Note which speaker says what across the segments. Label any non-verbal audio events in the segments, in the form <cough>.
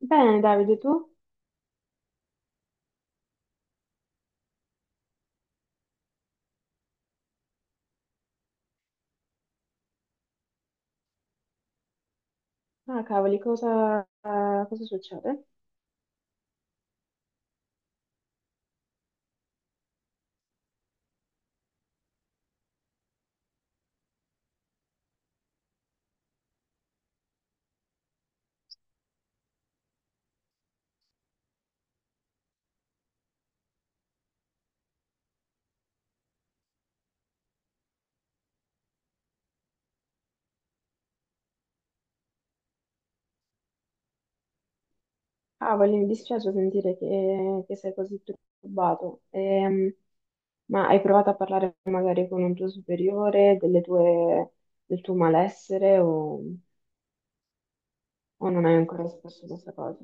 Speaker 1: Bene, Davide, tu? Ah, cavoli, cosa, cosa succede? Cavoli, mi dispiace sentire che sei così turbato. Ma hai provato a parlare magari con un tuo superiore del tuo malessere o non hai ancora espresso questa cosa?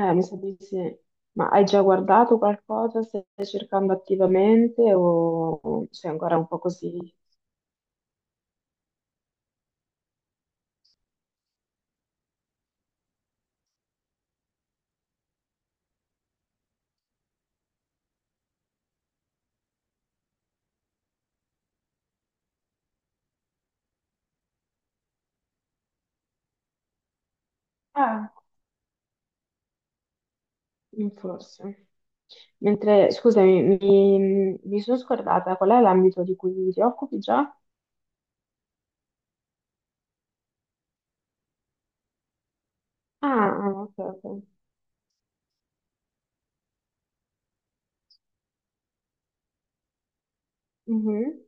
Speaker 1: Mi sa di sì. Ma hai già guardato qualcosa? Stai cercando attivamente o sei ancora un po' così? Ah, forse. Mentre, scusami, mi sono scordata, qual è l'ambito di cui ti occupi già? Ah, ok, ok. Mhm.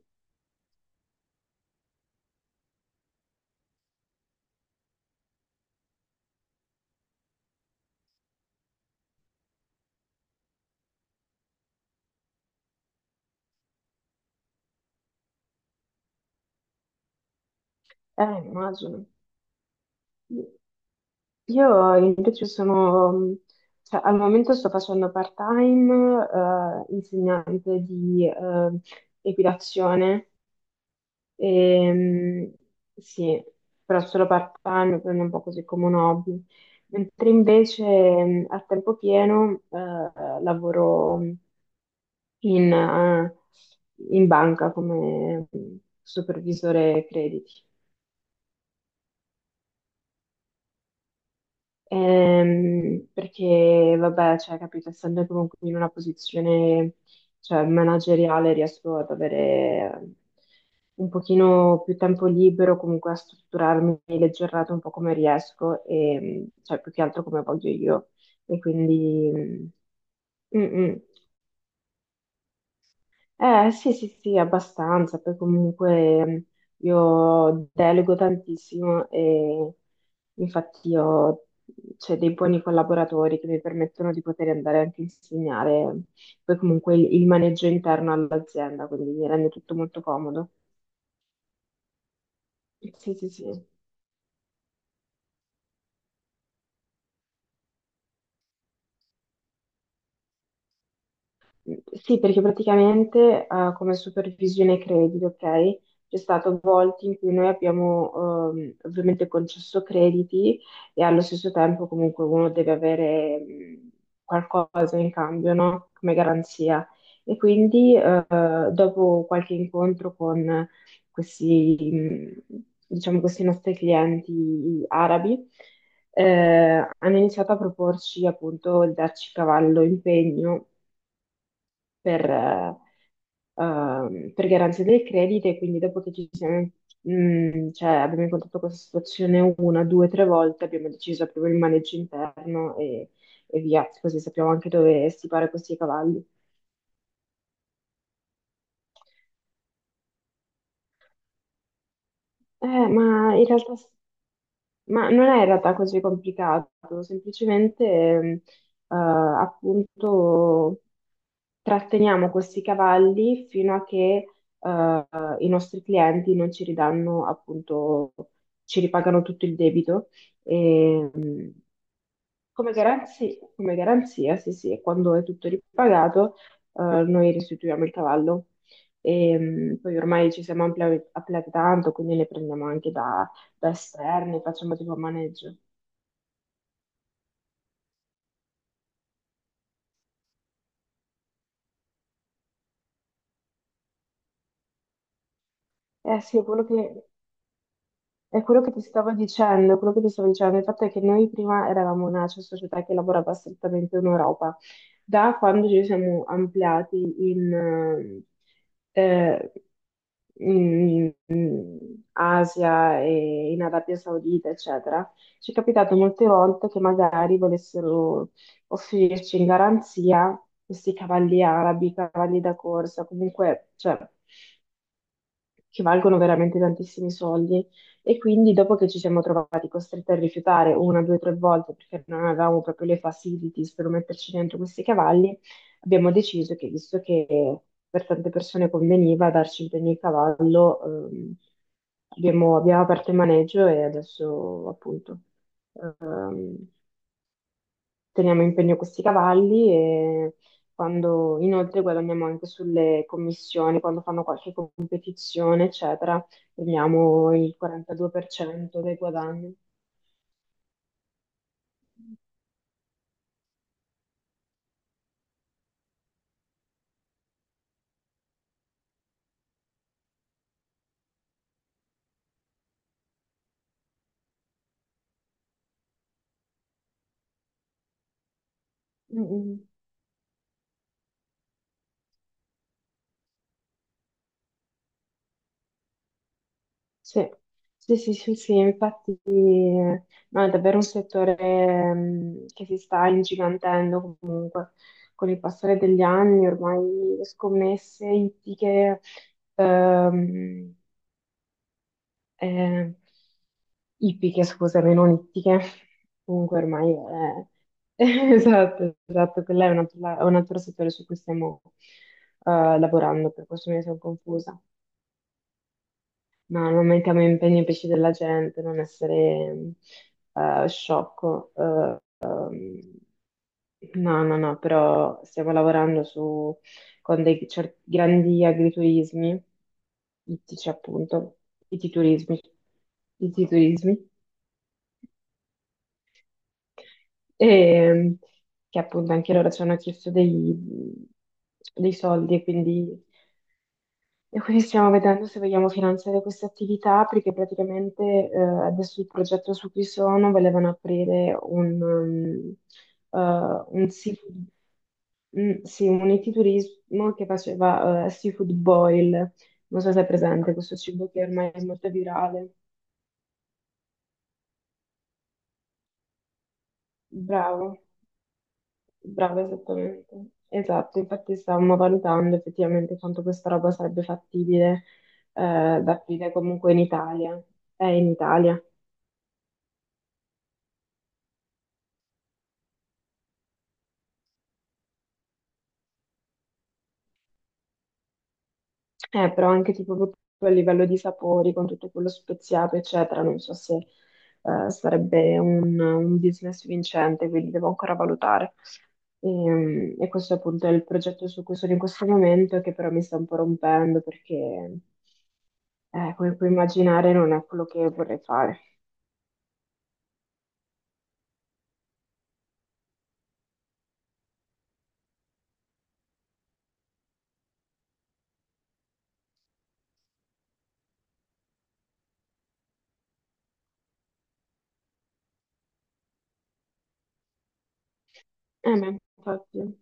Speaker 1: Immagino. Io invece sono, cioè, al momento sto facendo part-time, insegnante di equitazione. Ehm, sì, però solo part-time, prendo un po' così come un hobby. Mentre invece a tempo pieno lavoro in, eh, in banca come supervisore crediti. Perché, vabbè, cioè, capito, essendo comunque in una posizione, cioè, manageriale, riesco ad avere un pochino più tempo libero, comunque a strutturarmi le giornate un po' come riesco e, cioè, più che altro come voglio io. E quindi... Mm, mm. Mm. Eh sì, sì, sì, abbastanza, poi comunque io delego tantissimo e infatti ho, cioè, dei buoni collaboratori che mi permettono di poter andare anche a insegnare, poi comunque il maneggio interno all'azienda, quindi mi rende tutto molto comodo. Sì, sì, sì. Sì, perché praticamente come supervisione credito, ok? C'è stato volte in cui noi abbiamo ovviamente concesso crediti e allo stesso tempo comunque uno deve avere qualcosa in cambio, no? Come garanzia. E quindi dopo qualche incontro con questi, mh, diciamo, questi nostri clienti arabi, hanno iniziato a proporci appunto il darci cavallo in pegno per, eh, per garanzia del credito e quindi dopo che ci siamo, cioè, abbiamo incontrato questa situazione una, due, tre volte, abbiamo deciso proprio il maneggio interno e via, così sappiamo anche dove stipare questi cavalli. Ma in realtà... Ma non è in realtà così complicato, semplicemente appunto tratteniamo questi cavalli fino a che eh, i nostri clienti non ci ridanno appunto, ci ripagano tutto il debito. E, mm, come garanzia, sì, sì, e quando è tutto ripagato, noi restituiamo il cavallo. E, mm, poi ormai ci siamo ampliati tanto, quindi ne prendiamo anche da esterni, facciamo tipo maneggio. Eh sì, è quello che ti stavo dicendo, è quello che ti stavo dicendo. Il fatto è che noi prima eravamo una, cioè, società che lavorava strettamente in Europa. Da quando ci siamo ampliati in, eh, in Asia e in Arabia Saudita, eccetera, ci è capitato molte volte che magari volessero offrirci in garanzia questi cavalli arabi, cavalli da corsa, comunque, cioè, che valgono veramente tantissimi soldi. E quindi dopo che ci siamo trovati costretti a rifiutare una, due, tre volte perché non avevamo proprio le facilities per metterci dentro questi cavalli, abbiamo deciso che, visto che per tante persone conveniva darci in pegno il cavallo, ehm, abbiamo aperto il maneggio e adesso appunto ehm, teniamo in pegno questi cavalli e quando inoltre guadagniamo anche sulle commissioni, quando fanno qualche competizione, eccetera, prendiamo il 42% dei guadagni. Mm, mm. Sì. Sì, sì, sì, sì, infatti no, è davvero un settore che si sta ingigantendo comunque con il passare degli anni, ormai le scommesse ittiche... ehm, eh, Ippiche, scusami, non ittiche. Comunque ormai è... <laughs> Esatto, esatto, quella è un altro, è un altro settore su cui stiamo lavorando, per questo mi sono confusa. Ma non mettiamo impegni ai pesci della gente, non essere sciocco. No, no, no, però stiamo lavorando su, con grandi agriturismi, ittici appunto, ittiturismi, ittiturismi. E, che appunto anche loro ci hanno chiesto dei soldi e quindi stiamo vedendo se vogliamo finanziare questa attività perché praticamente adesso il progetto su cui sono, volevano aprire un seafood. Sì, un enoturismo che faceva seafood boil, non so se è presente questo cibo che ormai è molto virale. Bravo. Brava, esattamente. Esatto, infatti stavamo valutando effettivamente quanto questa roba sarebbe fattibile da aprire comunque in Italia. È in Italia. Però anche tipo proprio a livello di sapori, con tutto quello speziato, eccetera, non so se sarebbe un business vincente, quindi devo ancora valutare. E questo appunto è il progetto su cui sono in questo momento, e che però mi sta un po' rompendo perché, come puoi immaginare, non è quello che vorrei fare. Ma infatti.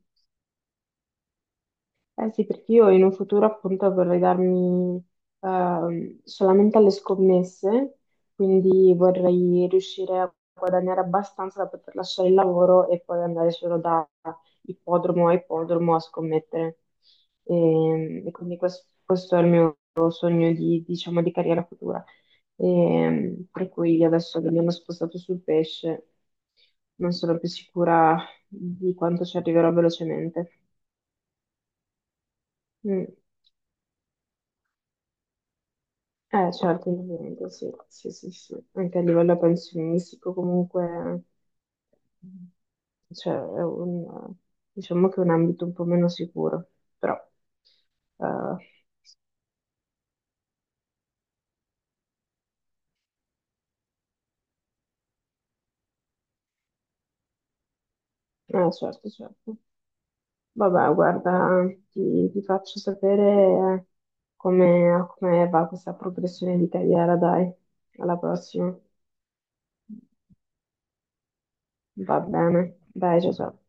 Speaker 1: Eh sì, perché io in un futuro appunto vorrei darmi solamente alle scommesse, quindi vorrei riuscire a guadagnare abbastanza da poter lasciare il lavoro e poi andare solo da ippodromo a ippodromo a scommettere. E quindi questo è il mio sogno di, diciamo, di carriera futura. E, per cui io adesso che mi hanno spostato sul pesce, non sono più sicura di quanto ci arriverò velocemente. Mm. Certo, indubbiamente, sì, sì, sì, sì. Anche a livello pensionistico comunque, cioè, è un, diciamo che è un ambito un po' meno sicuro, però, eh, certo, certo. Vabbè, guarda, ti faccio sapere come va questa progressione di carriera, dai, alla prossima. Va bene, dai, ciao, ciao.